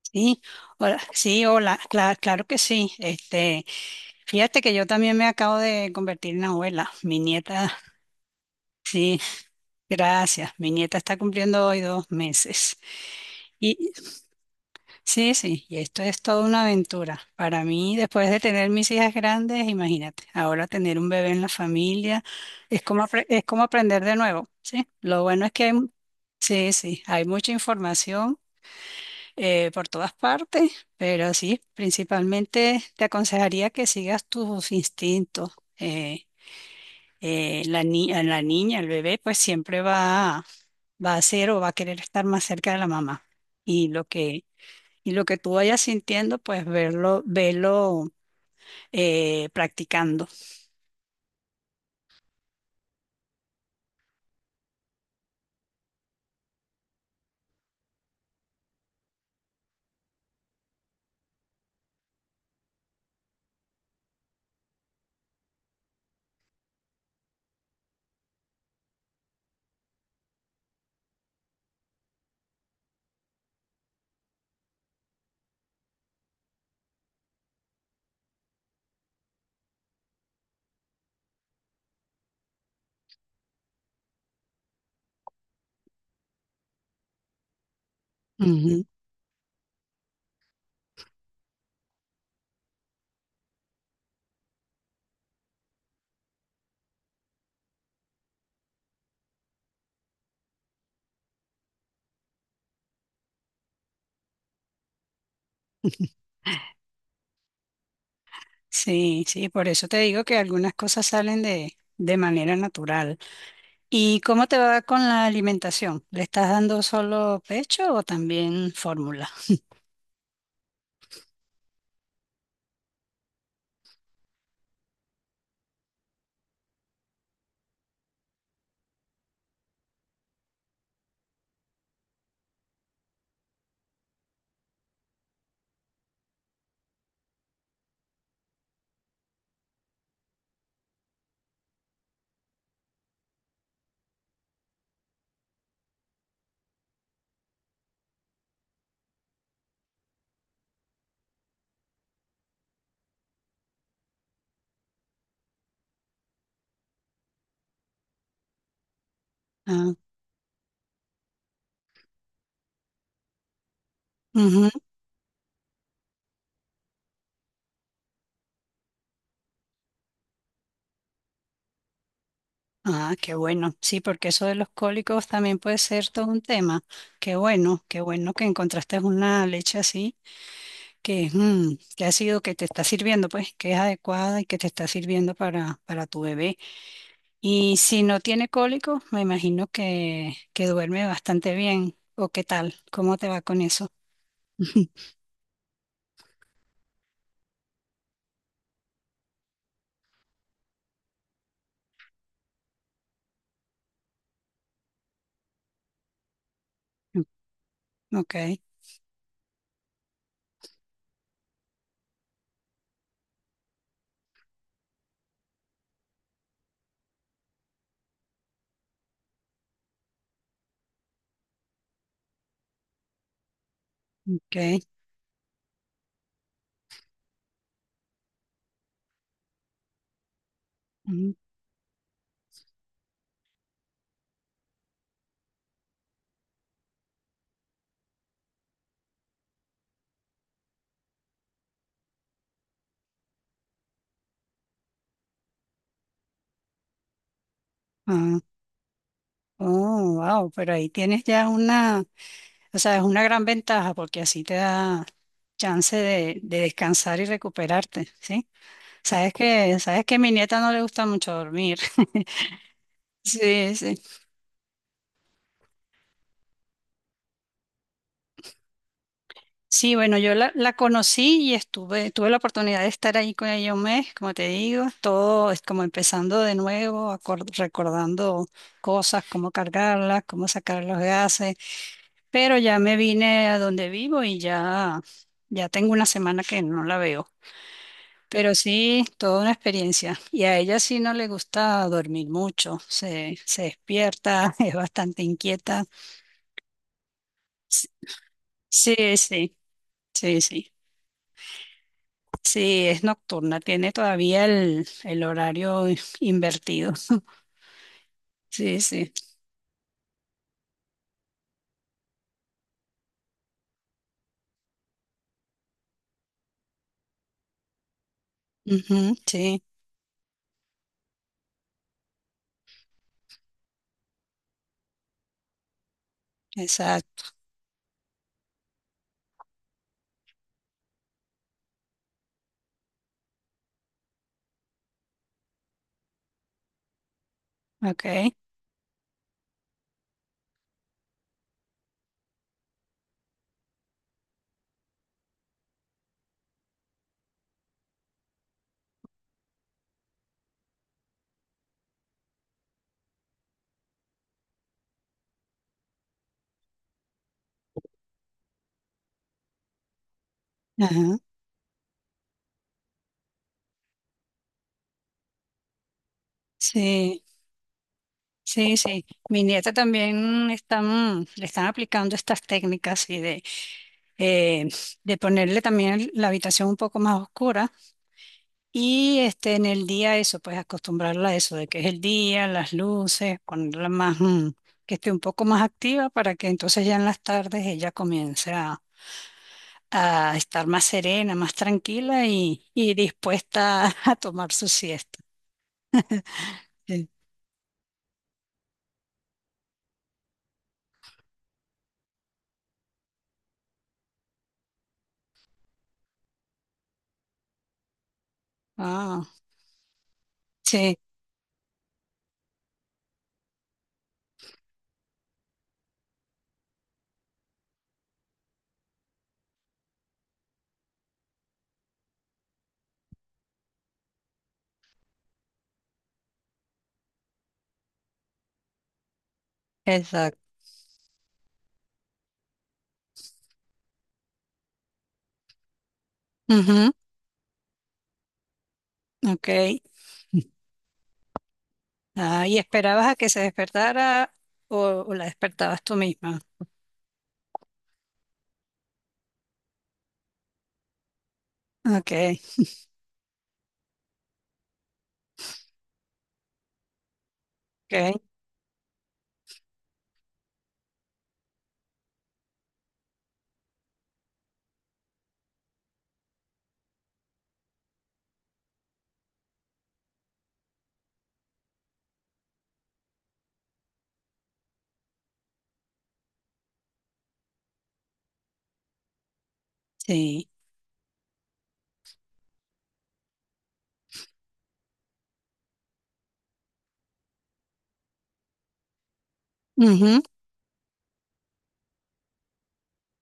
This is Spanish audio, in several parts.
Sí, sí, hola, claro que sí. Fíjate que yo también me acabo de convertir en abuela. Mi nieta, sí, gracias. Mi nieta está cumpliendo hoy 2 meses. Y sí, y esto es toda una aventura. Para mí, después de tener mis hijas grandes, imagínate, ahora tener un bebé en la familia es como, es como aprender de nuevo, ¿sí? Lo bueno es que hay mucha información por todas partes, pero sí, principalmente te aconsejaría que sigas tus instintos. Eh, la ni- A la niña, el bebé, pues va a ser o va a querer estar más cerca de la mamá. Y lo que, y lo que tú vayas sintiendo, pues verlo practicando. Ujú. Sí, sí, por eso te digo que algunas cosas salen de manera natural. ¿Y cómo te va con la alimentación? ¿Le estás dando solo pecho o también fórmula? Ah, ujú. Ah, qué bueno. Sí, porque eso de los cólicos también puede ser todo un tema. Qué bueno que encontraste una leche así que, mm, que ha sido, que te está sirviendo, pues, que es adecuada y que te está sirviendo para tu bebé. Y si no tiene cólicos, me imagino que duerme bastante bien. ¿O qué tal? ¿Cómo te va con eso? Ok, ok. Ah, oh, wow, pero ahí tienes ya o sea, es una gran ventaja porque así te da chance de descansar y recuperarte, ¿sí? Sabes que a mi nieta no le gusta mucho dormir. Sí, sí. Sí, bueno, la conocí y tuve la oportunidad de estar ahí con ella un mes, como te digo, todo es como empezando de nuevo, recordando cosas, cómo cargarlas, cómo sacar los gases. Pero ya me vine a donde vivo y ya tengo una semana que no la veo. Pero sí, toda una experiencia. Y a ella sí no le gusta dormir mucho, se despierta, es bastante inquieta. S- Sí, sí, sí, sí. Sí, es nocturna, tiene todavía el horario invertido. Sí, sí. Ujú, sí, exacto. Ok. Ajá. Sí. Sí, sí. Mi nieta también están, le están aplicando estas técnicas eh, de la habitación un poco más oscura y en el día eso, pues acostumbrarla a eso, de que es el día, las luces, que esté un poco más activa para que entonces ya en las tardes ella comience a estar más serena, más tranquila y dispuesta a tomar su siesta. Sí. Ah, sí, exacto. Ujú, ok. Ah, ¿y esperabas a que se despertara o, o la despertabas tú misma? Ok, ok, sí. Ujú,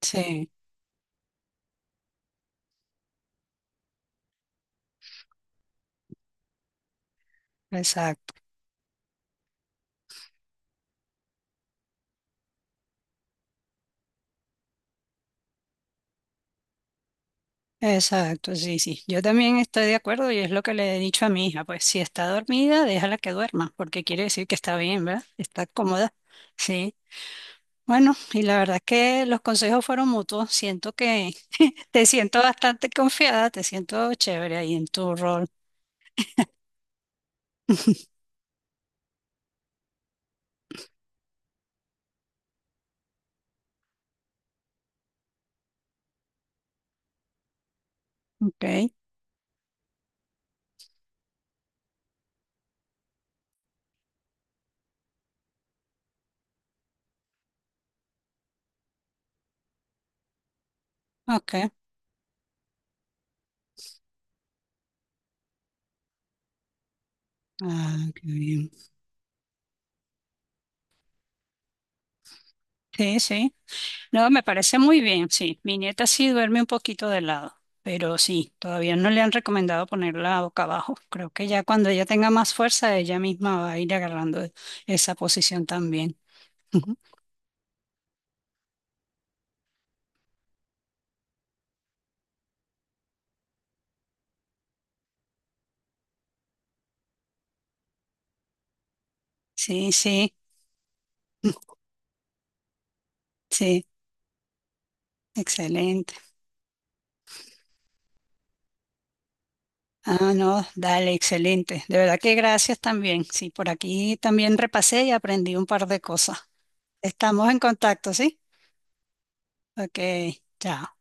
sí, exacto, exacto, sí, sí. Yo también estoy de acuerdo y es lo que le he dicho a mi hija. Pues si está dormida, déjala que duerma, porque quiere decir que está bien, ¿verdad? Está cómoda. Sí. Bueno, y la verdad es que los consejos fueron mutuos. Siento que te siento bastante confiada, te siento chévere ahí en tu rol. Ok, ok. Ah, qué bien. Sí, sí. No, me parece muy bien, sí. Mi nieta sí duerme un poquito de lado, pero sí, todavía no le han recomendado ponerla boca abajo. Creo que ya cuando ella tenga más fuerza, ella misma va a ir agarrando esa posición también. Ujú. Sí, sí, sí, excelente. Ah, no, dale, excelente. De verdad que gracias también. Sí, por aquí también repasé y aprendí un par de cosas. Estamos en contacto, ¿sí? Ok, chao.